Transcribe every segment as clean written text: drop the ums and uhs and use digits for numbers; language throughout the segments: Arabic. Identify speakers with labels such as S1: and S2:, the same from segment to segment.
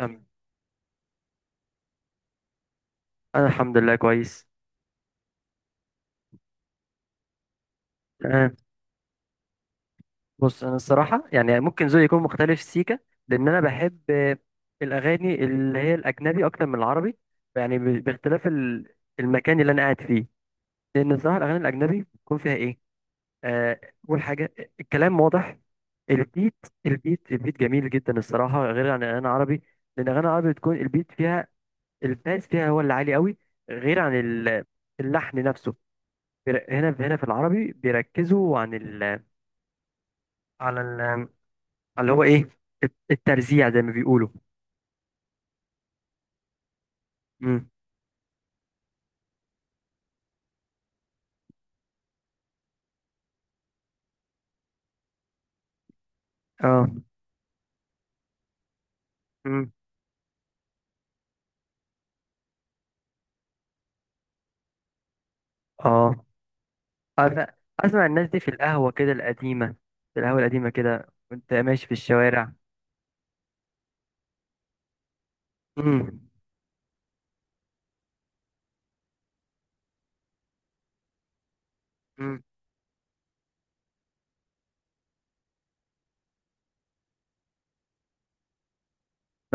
S1: أم- انا الحمد لله كويس. تمام. بص، انا الصراحه يعني ممكن ذوقي يكون مختلف، سيكا. لان انا بحب الاغاني اللي هي الاجنبي اكتر من العربي، يعني باختلاف المكان اللي انا قاعد فيه. لان الصراحه الاغاني الاجنبي بيكون فيها ايه، آه، اول حاجه الكلام واضح. البيت. البيت جميل جدا الصراحه، غير عن الاغاني العربي. لان الاغاني العربي بتكون البيت فيها، الباس فيها هو اللي عالي قوي، غير عن اللحن نفسه. هنا في العربي بيركزوا عن ال، على ال، على اللي هو ايه، الترزيع زي ما بيقولوا. امم اه. امم اه. أف- اسمع الناس دي في القهوة كده القديمة، في القهوة القديمة كده وانت ماشي في الشوارع. امم امم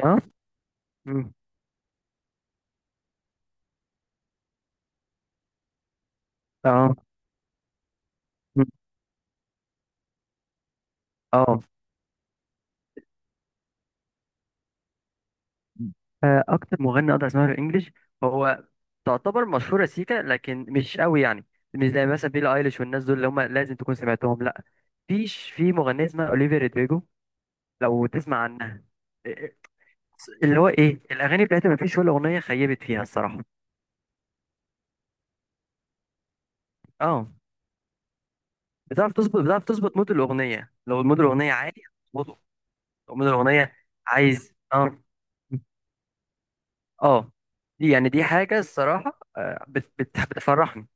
S1: اه. امم اه. مم. اه. اكتر مغني اقدر اسمعه الانجليش هو تعتبر مشهورة سيكا لكن مش قوي يعني، مش زي مثلا بيلي ايليش والناس دول اللي هم لازم تكون سمعتهم، لا. فيش في مغنية اسمها اوليفيا رودريجو، لو تسمع عنها، اللي هو ايه الاغاني بتاعتها ما فيش ولا اغنيه خيبت فيها الصراحه. اه. بتعرف تظبط مود الاغنيه، لو مود الاغنيه عالي هتظبطه، لو مود الاغنيه عايز اه، اه، دي يعني دي حاجه الصراحه، بت بتفرحني.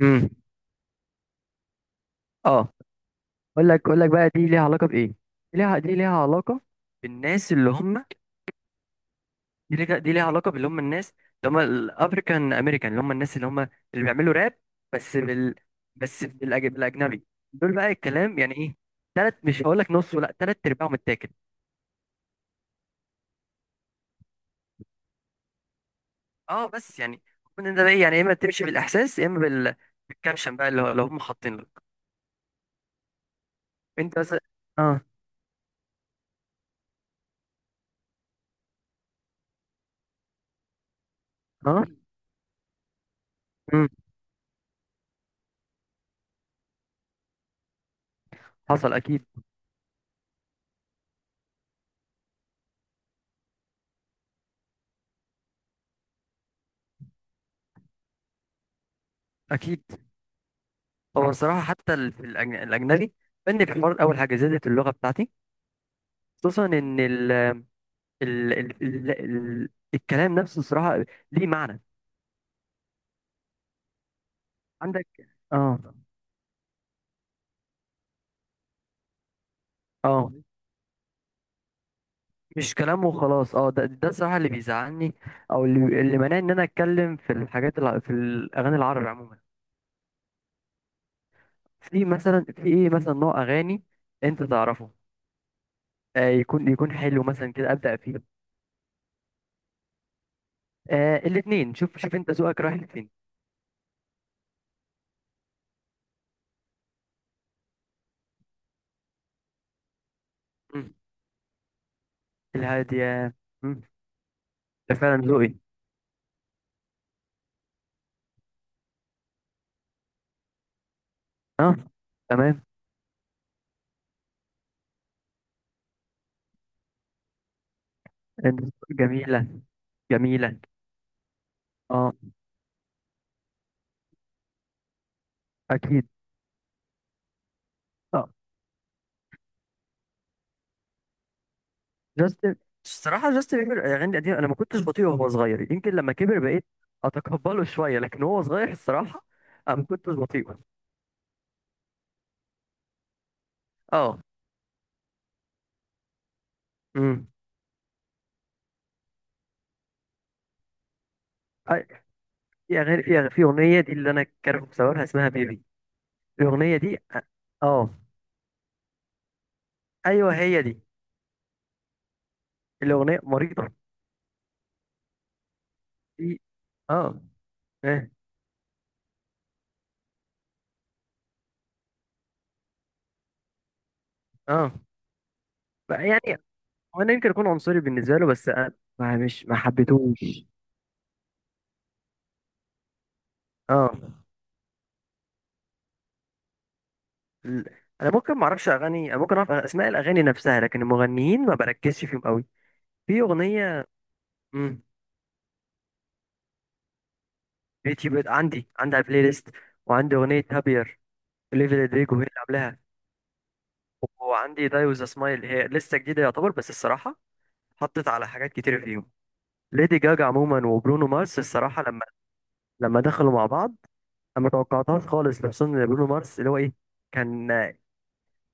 S1: امم اه. اقول لك بقى، دي ليها علاقه بايه، دي ليها علاقه بالناس اللي هم، دي ليها علاقة باللي هم الناس، اللي هم الافريكان امريكان، اللي هم الناس اللي هم اللي بيعملوا راب، بس بال بس بالاجنبي. دول بقى الكلام يعني ايه، تلات، مش هقول لك نص ولا تلات ارباعهم متاكل. اه بس يعني ممكن انت بقى إيه، يعني يا اما تمشي بالاحساس يا اما بالكابشن بقى، اللي هم حاطين لك. انت مثلا. اه. اه. امم حصل اكيد. اكيد. هو الصراحة حتى في الاجنبي، فني في الحوار، اول حاجة زادت اللغة بتاعتي، خصوصا ال ال ال ال الكلام نفسه صراحة ليه معنى. عندك. اه. اه. مش كلام وخلاص. اه، ده صراحة اللي بيزعلني، او اللي مانعني ان انا اتكلم في في الاغاني العربي عموما. في مثلا، في ايه مثلا، نوع اغاني انت تعرفه، آه، يكون حلو مثلا كده، ابدا فيه. آه، الاتنين. شوف، شوف انت ذوقك رايح لفين. مم. الهادية. مم. ده فعلا ذوقي. اه. تمام. انت. جميلة. جميلة. اه. اكيد. آه. جاستن، الصراحة جاستن بيبر الأغاني القديمة أنا ما كنتش بطيء وهو صغير. يمكن لما كبر بقيت أتقبله شوية، لكن وهو صغير الصراحة أنا ما كنتش بطيء. أه. أمم أي- في أغنية دي اللي أنا كارهه بسببها اسمها بيبي. الأغنية دي أه. أيوه هي دي. الأغنية مريضة. في. أه. إيه. أه. بقى يعني هو أنا يمكن أكون عنصري بالنسبة له، بس أنا ما حبيتهوش. أه. ال- أنا ممكن ما أعرفش أغاني، أنا ممكن أعرف أسماء الأغاني نفسها لكن المغنيين ما بركزش فيهم أوي. في أغنية. امم يوتيوب، عندي على البلاي ليست، وعندي أغنية هابير، ليفي رودريجو هي اللي عاملاها. وعندي داي وذ سمايل، هي لسه جديدة يعتبر، بس الصراحة حطت على حاجات كتير فيهم ليدي جاجا عموما وبرونو مارس. الصراحة لما دخلوا مع بعض أنا ما توقعتهاش خالص، خصوصا إن برونو مارس اللي هو إيه، كان آه،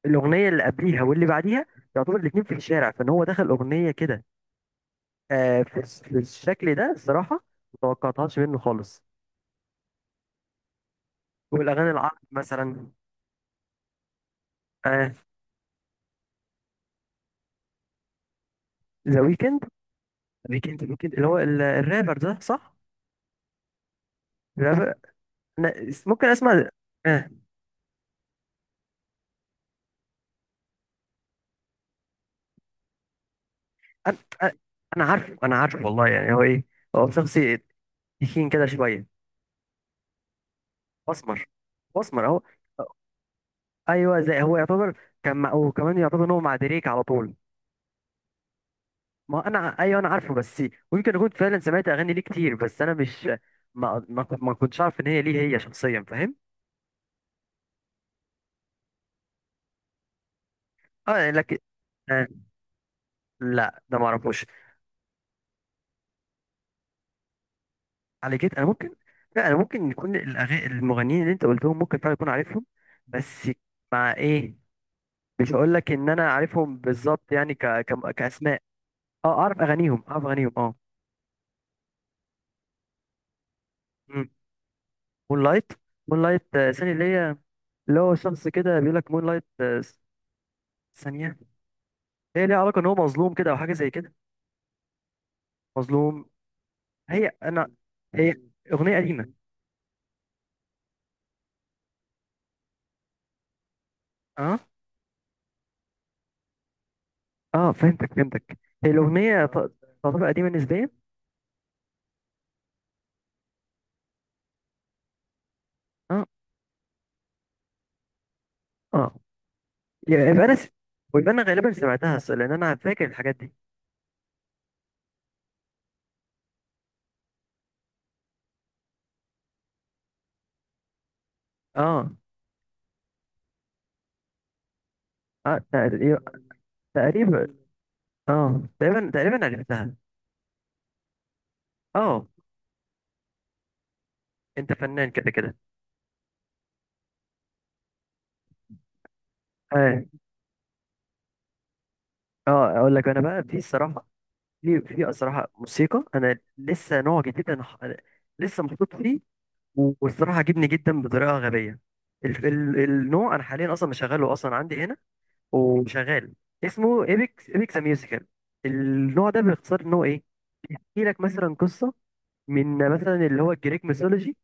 S1: الأغنية اللي قبليها واللي بعديها يعتبر الاتنين في الشارع، فإن هو دخل أغنية كده، في الشكل ده الصراحة ما توقعتهاش منه خالص. والأغاني العربي مثلا. آه. ذا ويكند. ويكند اللي هو الرابر ده، صح؟ الرابر. ممكن اسمع. آه، انا. أنا- أنا عارفه انا عارفه والله، يعني هو ايه، هو شخصي تخين كده شويه. اسمر. اسمر اهو. ايوه، زي هو يعتبر وكمان يعتبر ان هو مع دريك على طول. ما انا ع- ايوه انا عارفه، بس ويمكن اكون فعلا سمعت اغاني ليه كتير، بس انا مش، ما كنتش عارف ان هي ليه، هي شخصيا فاهم؟ اه لكن. آه. لا ده ما اعرفوش. على كده انا ممكن. لا انا ممكن يكون الأغاني، المغنيين اللي انت قلتهم ممكن فعلا يكون عارفهم، بس مع ايه، مش هقول لك ان انا عارفهم بالظبط يعني كاسماء. اه، اعرف اغانيهم اه. مم. مون لايت. مون لايت، ثانيه، اللي هي، اللي هو شخص كده بيقول لك مون لايت، ثانيه، هي ليها علاقه ان هو مظلوم كده او حاجه زي كده. مظلوم. هي انا. هي. اغنيه قديمه. اه. اه فهمتك. هي الاغنيه تعتبر قديمه نسبيا. اه. اه يبقى ويبقى انا غالبا سمعتها، اصل لان انا فاكر الحاجات دي. اه. اه تقريبا. تقريبا. اه، تقريبا عرفتها. اه. انت فنان كده كده. اه. اه اقول لك انا بقى في الصراحه، في الصراحه موسيقى انا لسه نوع جديد، أنا لسه محطوط فيه، والصراحه عجبني جدا بطريقه غبيه. النوع انا حاليا اصلا مشغله اصلا عندي هنا وشغال، اسمه ايبكس ميوزيكال. النوع ده باختصار ان هو ايه، بيحكي لك مثلا قصه، من مثلا اللي هو الجريك ميثولوجي،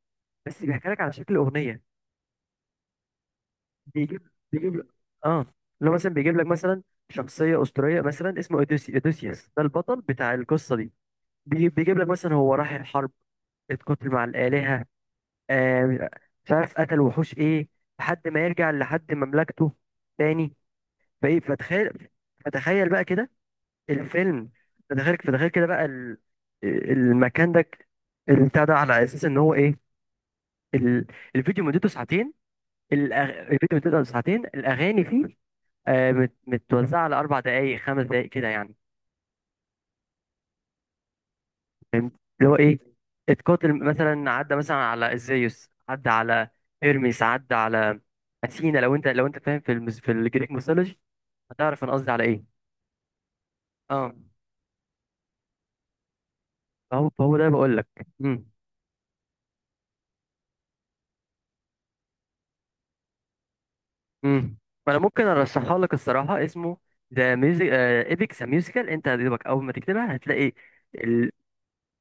S1: بس بيحكي لك على شكل اغنيه. بيجيب لك. اه. اللي هو مثلا بيجيب لك مثلا شخصيه اسطوريه، مثلا اسمه اوديسي، اوديسيوس ده البطل بتاع القصه دي. بيجيب لك مثلا هو راح الحرب، اتقتل مع الالهه، آه، مش عارف قتل وحوش ايه، لحد ما يرجع لحد مملكته تاني. فايه فتخيل، فتخيل بقى كده الفيلم، فتخيل كده بقى المكان ده، البتاع ده، على اساس ان هو ايه، ال- الفيديو مدته ساعتين. الفيديو بتبدأ ساعتين، الأغاني فيه آه، متوزعة على 4 دقايق، 5 دقايق كده يعني. فهمت. اللي هو إيه، اتقاتل مثلا، عدى مثلا على إزيوس، عدى على إرميس، عدى على أثينا. لو أنت فاهم في في الجريك ميثولوجي هتعرف أنا قصدي على إيه. أه. فهو ده بقول لك. امم امم فأنا ممكن أرشحها لك الصراحة، اسمه ذا ميوزك ايبكس ميوزيكال، أنت هتدوبك أول ما تكتبها هتلاقي ال...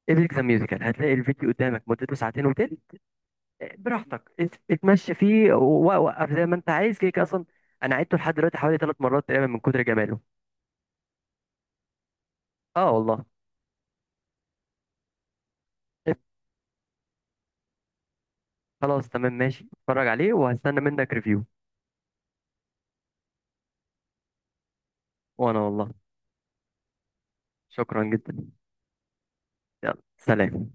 S1: ايبكس ميوزيكال، هتلاقي الفيديو قدامك مدته ساعتين وتلت. براحتك، انت اتمشى فيه ووقف زي ما انت عايز، كده كده اصلا انا عدته لحد دلوقتي حوالي 3 مرات تقريبا من كتر جماله. اه والله. ات- خلاص تمام ماشي، اتفرج عليه وهستنى منك ريفيو. وانا والله شكرا جدا. يلا سلام.